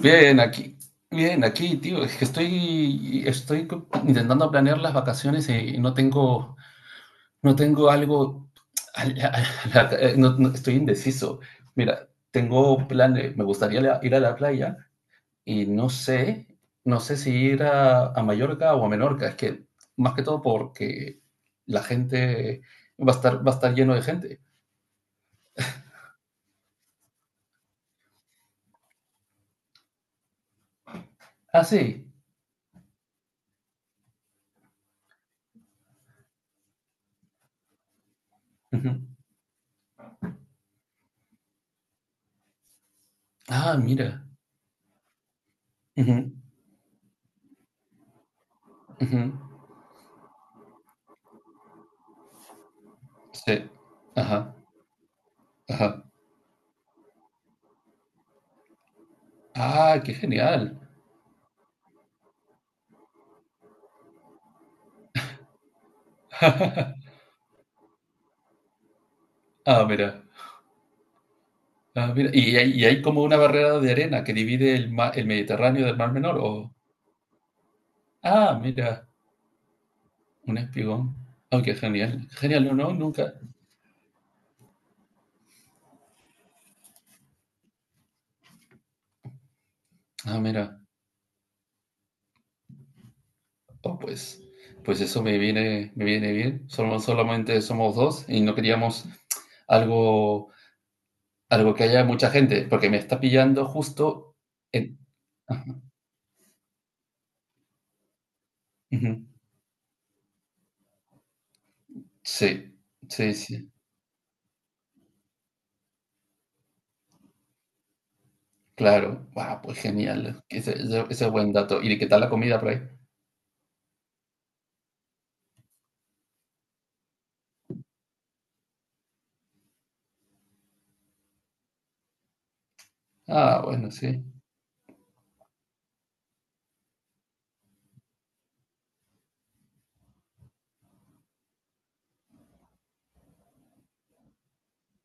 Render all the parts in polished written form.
Bien, aquí, bien, aquí, tío. Es que estoy intentando planear las vacaciones y no tengo algo, estoy indeciso. Mira, tengo planes, me gustaría ir a la playa y no sé si ir a Mallorca o a Menorca. Es que más que todo porque la gente va a estar lleno de gente. Ah, sí. Ujú. Ah, mira. Ujú, ujú. Sí. Ajá, ajá. Ah, qué genial. Ah, mira. Ah, mira. ¿Y y hay como una barrera de arena que divide el Mediterráneo del Mar Menor? ¿O? Ah, mira, un espigón. Ah, qué genial. Genial, no, no, nunca. Ah, mira. Oh, pues, me viene bien. Solamente somos dos y no queríamos algo, algo que haya mucha gente, porque me está pillando justo en... Ajá, ujú. Sí, sí, sí. Claro, wow, pues genial, ese es buen dato. ¿Y qué tal la comida por ahí? Ah, bueno, sí.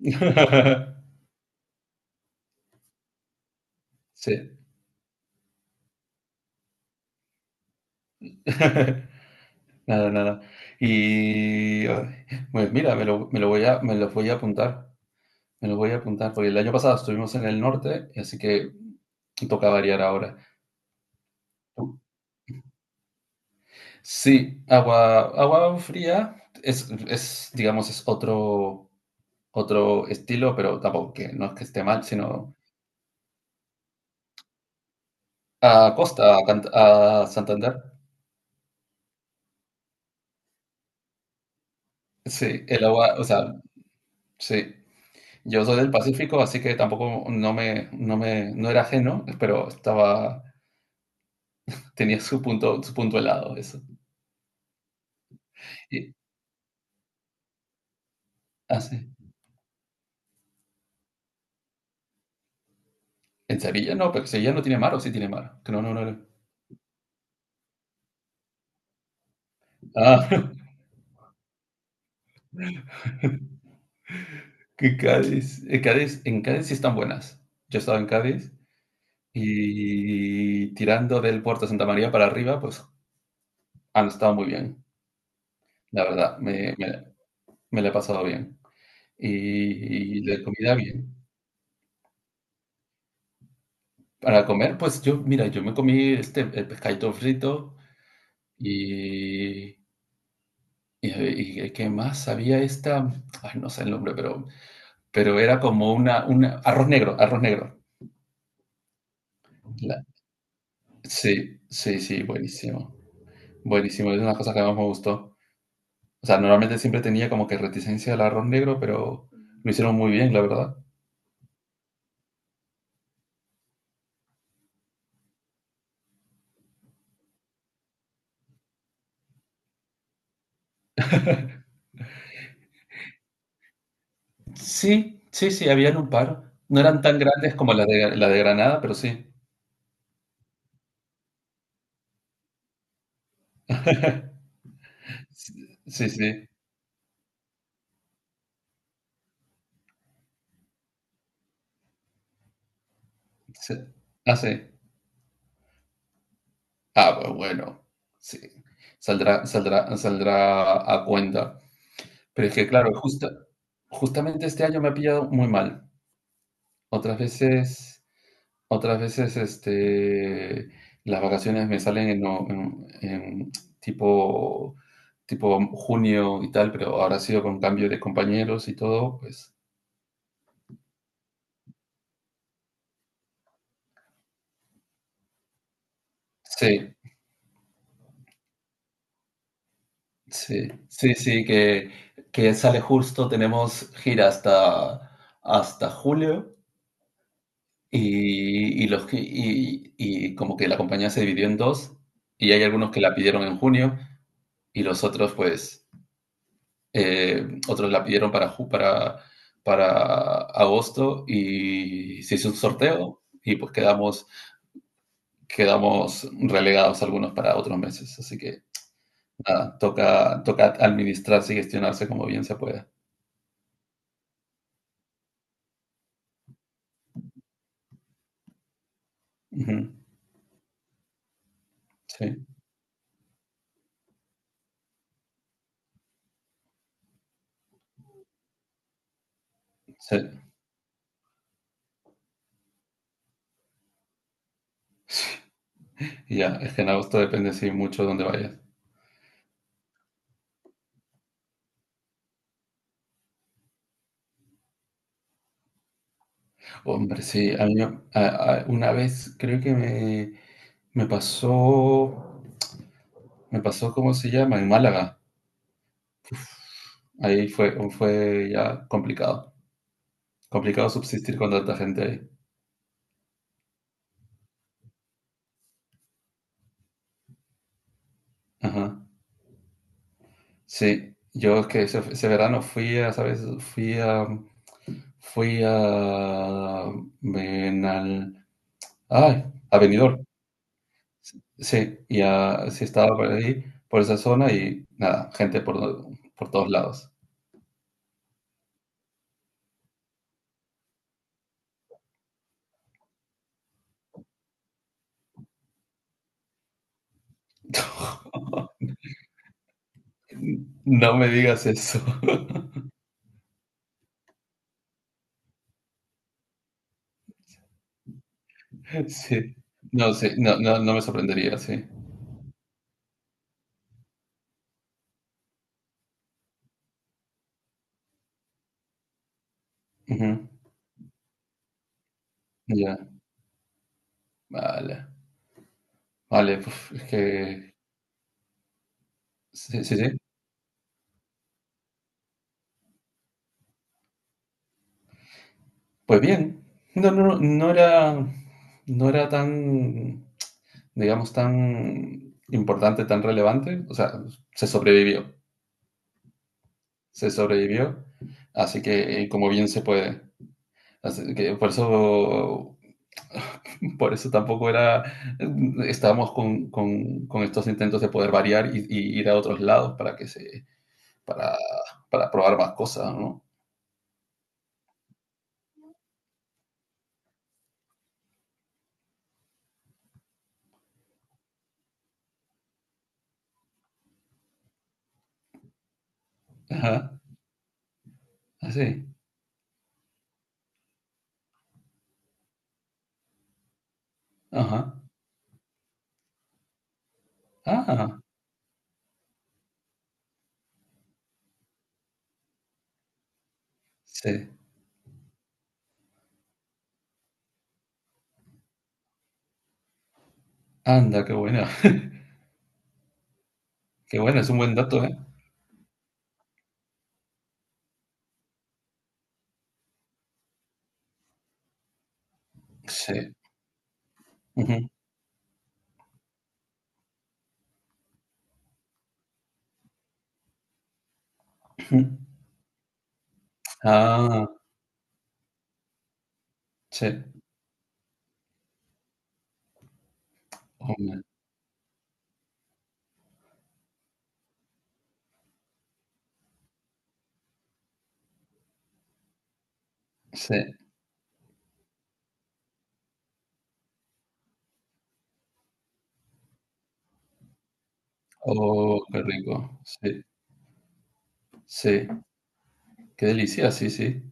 Sí. Nada, nada. Y ay, pues mira, me lo voy a apuntar. Porque el año pasado estuvimos en el norte, así que toca variar ahora. Sí, agua fría es, digamos, es otro estilo, pero tampoco que no es que esté mal, sino a Costa, a Santander. Sí, el agua, o sea, sí. Yo soy del Pacífico, así que tampoco no era ajeno, pero estaba, tenía su punto helado, eso. Y, ah, sí. En Sevilla no, pero Sevilla no tiene mar, o sí tiene mar. Que no, no, no, no. Ah, que Cádiz, en Cádiz sí están buenas. Yo estaba en Cádiz y tirando del puerto de Santa María para arriba, pues han estado muy bien, la verdad, me, me la he pasado bien. Y la comida bien. Para comer, pues yo, mira, yo me comí este, el pescadito frito y, y ¿qué más? Había ay, no sé el nombre, pero era como una arroz arroz negro. La- sí, sí, sí, buenísimo, buenísimo, es una cosa que más me gustó. O sea, normalmente siempre tenía como que reticencia al arroz negro, pero lo hicieron muy bien, la verdad. Sí, sí, sí, habían un par. No eran tan grandes como la de Granada, pero sí. Sí, sí, sí. Ah, sí. Ah, pues bueno, sí. Saldrá, saldrá, saldrá a cuenta. Pero es que, claro, justamente este año me ha pillado muy mal. Otras veces, otras veces, este, las vacaciones me salen en, no- en tipo, tipo junio y tal, pero ahora ha sido con cambio de compañeros y todo, pues. Sí, sí, sí, sí, que sale justo, tenemos gira hasta, hasta julio. Y, y como que la compañía se dividió en dos, y hay algunos que la pidieron en junio, y los otros, pues, otros la pidieron para agosto, y se hizo un sorteo, y pues quedamos, quedamos relegados algunos para otros meses. Así que nada, toca, toca administrarse y gestionarse como bien se pueda. Ujú, sí, sí. Y ya, es que en agosto depende, sí, mucho de dónde vayas. Hombre, sí, a mí me- a- una vez creo que me pasó, me pasó, ¿cómo se llama? En Málaga. Ahí fue, fue ya complicado, complicado subsistir con tanta gente ahí. Ajá. Sí, yo es que ese verano fui a, ¿sabes? Fui a, Benal, ay, a Benidorm. Sí, sí estaba por ahí, por esa zona y nada, gente por todos lados. No me digas eso. Sí. No, sí, no, no, no me sorprendería, sí. Ujú, ya, vale. Vale, puf, es que... Sí, sí, sí. Pues bien. No, no, no, no era... No era tan, digamos, tan importante, tan relevante. O sea, se sobrevivió. Se sobrevivió. Así que, como bien se puede. Así que por eso por eso tampoco era, estábamos con estos intentos de poder variar y ir a otros lados para, para probar más cosas, ¿no? Ajá, así, ajá, ah, sí, anda, qué buena, es un buen dato, ¿eh? Sí, ujú, ujú. Ah, sí, oh, man, sí, oh, qué rico, sí, sí, qué delicia, sí, sí,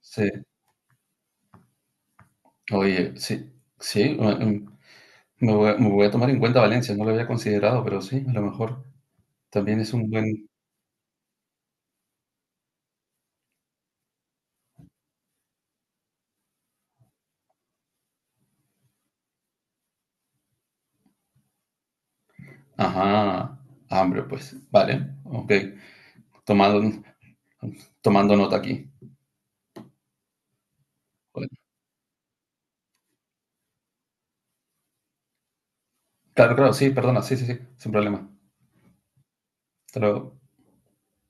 sí, oye, sí, sí, me voy a tomar en cuenta Valencia, no lo había considerado, pero sí, a lo mejor también es un buen... Ajá, hambre, pues. Vale, ok. Tomando, tomando nota aquí. Bueno, claro, claro, sí, perdona, sí, sí, sí, sin problema. Hasta luego.